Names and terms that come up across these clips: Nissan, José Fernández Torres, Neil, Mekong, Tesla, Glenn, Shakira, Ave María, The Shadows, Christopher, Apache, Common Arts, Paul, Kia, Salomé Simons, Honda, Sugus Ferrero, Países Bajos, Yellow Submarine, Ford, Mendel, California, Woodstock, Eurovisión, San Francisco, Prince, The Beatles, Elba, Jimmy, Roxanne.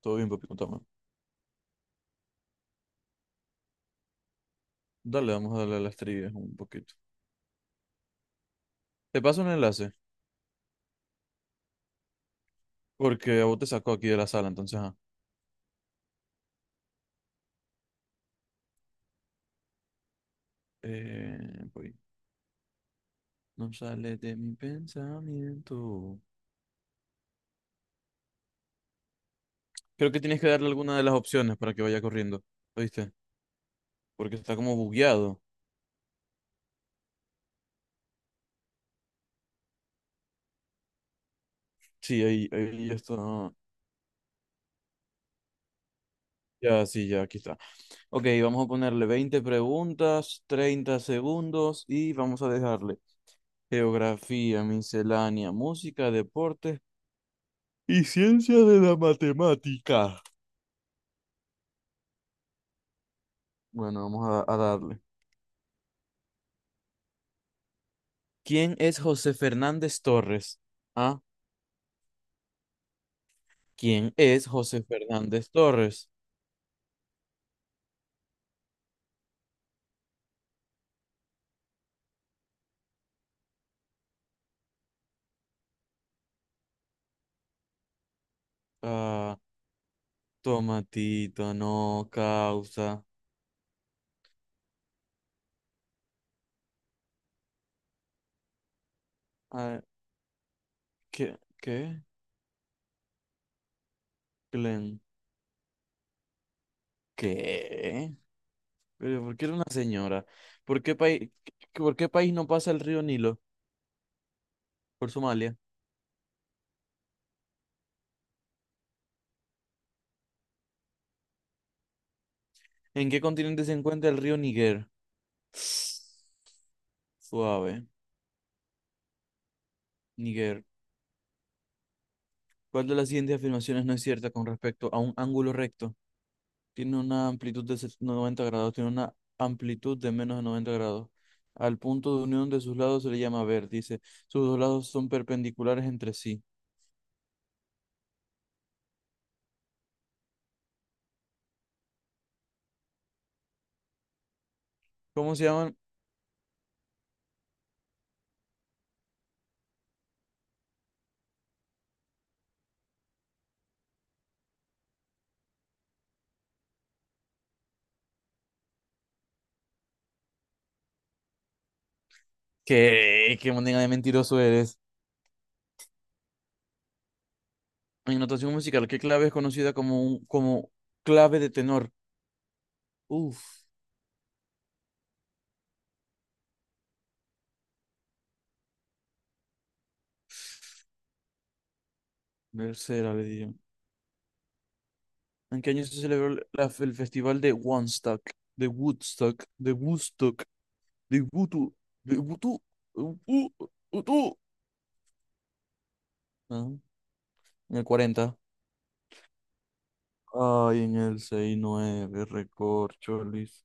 Todo bien, papi, contame. Dale, vamos a darle a las trivias un poquito. Te paso un enlace, porque a vos te sacó aquí de la sala, entonces, ajá. Eh, voy. No sale de mi pensamiento. Creo que tienes que darle alguna de las opciones para que vaya corriendo, ¿oíste? Porque está como bugueado. Sí, ahí ya está. Ya, sí, ya, aquí está. Ok, vamos a ponerle 20 preguntas, 30 segundos y vamos a dejarle geografía, miscelánea, música, deportes y ciencia de la matemática. Bueno, vamos a darle. ¿Quién es José Fernández Torres? Ah, ¿quién es José Fernández Torres? Ah, tomatito, no, causa. Ah, ¿qué? ¿Qué? Glenn. ¿Qué? ¿Pero por qué era una señora? ¿Por qué país, por qué país no pasa el río Nilo? Por Somalia. ¿En qué continente se encuentra el río Níger? Suave. Níger. ¿Cuál de las siguientes afirmaciones no es cierta con respecto a un ángulo recto? Tiene una amplitud de 90 grados, tiene una amplitud de menos de 90 grados. Al punto de unión de sus lados se le llama vértice. Sus dos lados son perpendiculares entre sí. ¿Cómo se llaman? ¿Qué manera de mentiroso eres? En notación musical, ¿qué clave es conocida como clave de tenor? Uf, tercera le digo. ¿En qué año se celebró el festival de Woodstock? De Woodstock, de Woodstock, de Woodstock, de Woodstock, de Woodstock, Ajá. En el 40. Ay, en el 69, recorcholis.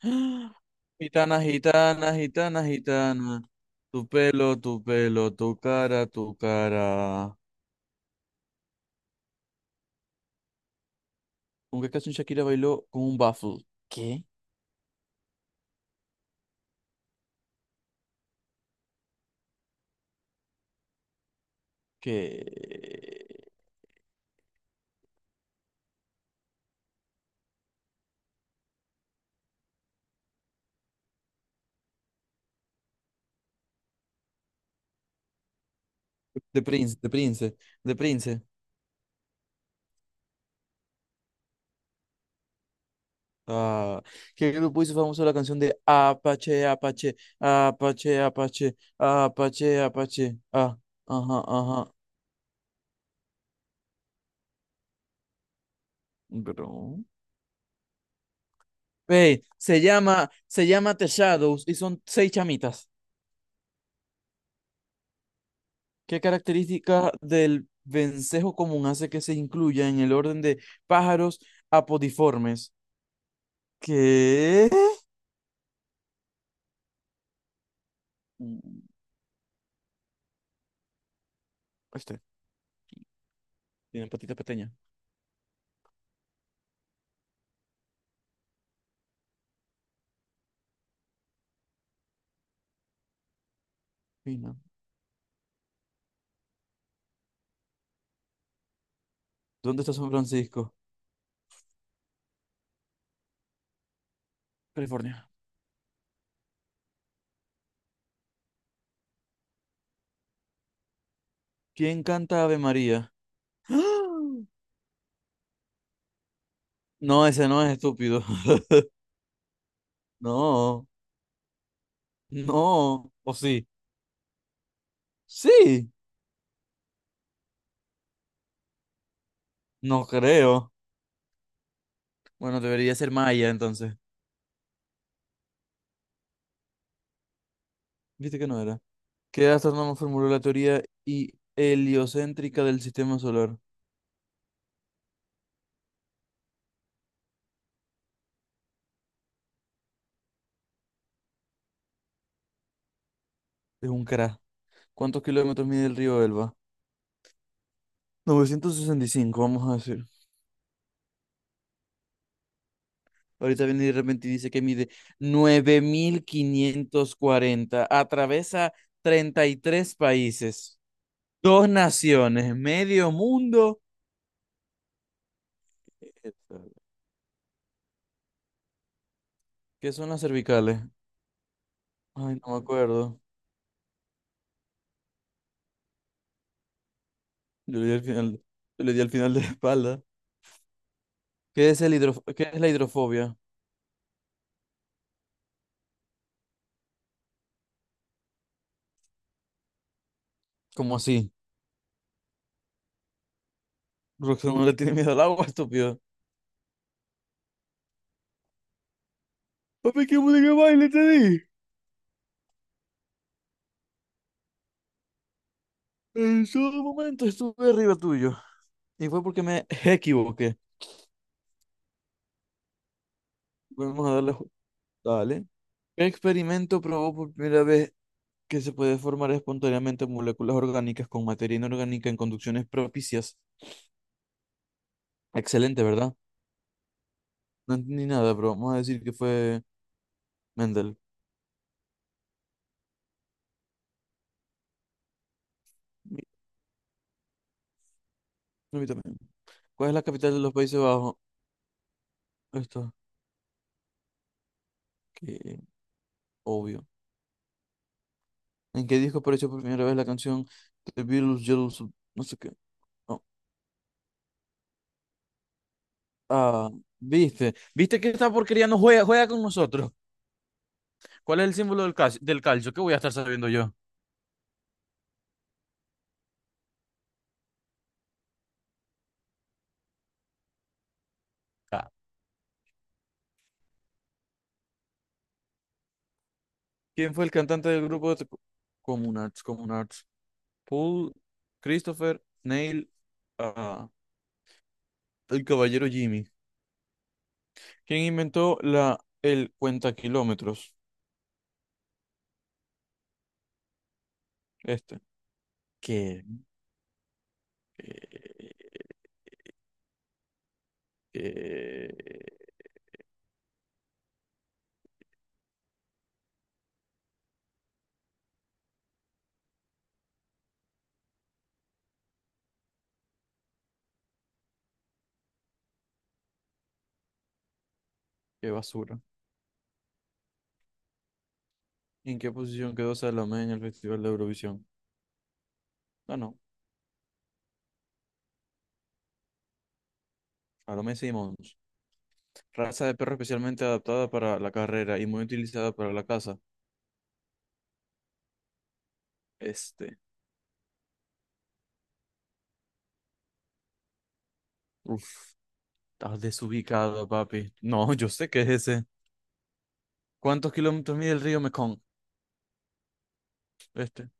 Gitana, gitana, gitana, gitana. Tu pelo, tu pelo, tu cara, tu cara. ¿Con qué canción Shakira bailó con un baffle? ¿Qué? ¿Qué? De Prince, de Prince, de Prince. Ah, ¿qué grupo hizo famoso la canción de Apache, Apache, Apache, Apache, Apache, Apache? Ah, ajá, ajá. Bro. Ve, se llama The Shadows y son seis chamitas. ¿Qué característica del vencejo común hace que se incluya en el orden de pájaros apodiformes? ¿Qué? Mm, Este, tiene patita pequeña. Fina. ¿Dónde está San Francisco? California. ¿Quién canta Ave María? ¡Ah! No, ese no es estúpido. No, no. ¿O sí? Sí, no creo. Bueno, debería ser Maya entonces. ¿Viste que no era? Que astrónomo formuló la teoría heliocéntrica del sistema solar? Es un crack. ¿Cuántos kilómetros mide el río Elba? 965, vamos a decir. Ahorita viene y de repente y dice que mide 9540. Atraviesa 33 países, dos naciones, medio mundo. ¿Qué son las cervicales? Ay, no me acuerdo. Yo le di al final, yo le di al final de la espalda. ¿Qué es la hidrofobia? ¿Cómo así? Roxanne no le tiene miedo al agua, estúpido. Papi, qué música de baile te di. En su momento estuve arriba tuyo. Y fue porque me equivoqué. Vamos a darle. Dale. ¿Qué experimento probó por primera vez que se puede formar espontáneamente moléculas orgánicas con materia inorgánica en conducciones propicias? Excelente, ¿verdad? No entendí nada, pero vamos a decir que fue Mendel. Mi- a mí también. ¿Cuál es la capital de los Países Bajos? Esto, que obvio. ¿En qué disco apareció por primera vez la canción The Beatles Yellow Sub- No sé qué. Oh, ah, viste que esta porquería no juega, juega con nosotros. ¿Cuál es el símbolo del calcio? ¿Del calcio? ¿Qué voy a estar sabiendo yo? Ah, ¿quién fue el cantante del grupo de Common Arts? Common Arts. Paul, Christopher, Neil, ah, el caballero Jimmy. ¿Quién inventó la, el cuenta kilómetros? Este. ¿Qué? ¿Qué, qué- qué basura? ¿En qué posición quedó Salomé en el Festival de Eurovisión? No, no. Salomé Simons. Raza de perro especialmente adaptada para la carrera y muy utilizada para la caza. Este. Uf, estás desubicado, papi. No, yo sé que es ese. ¿Cuántos kilómetros mide el río Mekong? Este.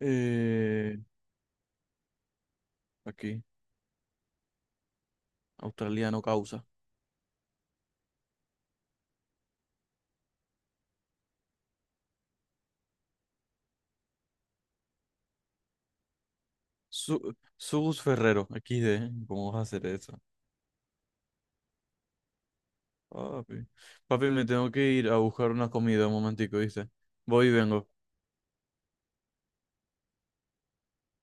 Eh, aquí. Australiano causa. Su Sugus Ferrero. Aquí de. ¿Cómo vas a hacer eso? Papi. Papi, me tengo que ir a buscar una comida un momentico, ¿viste? Voy y vengo.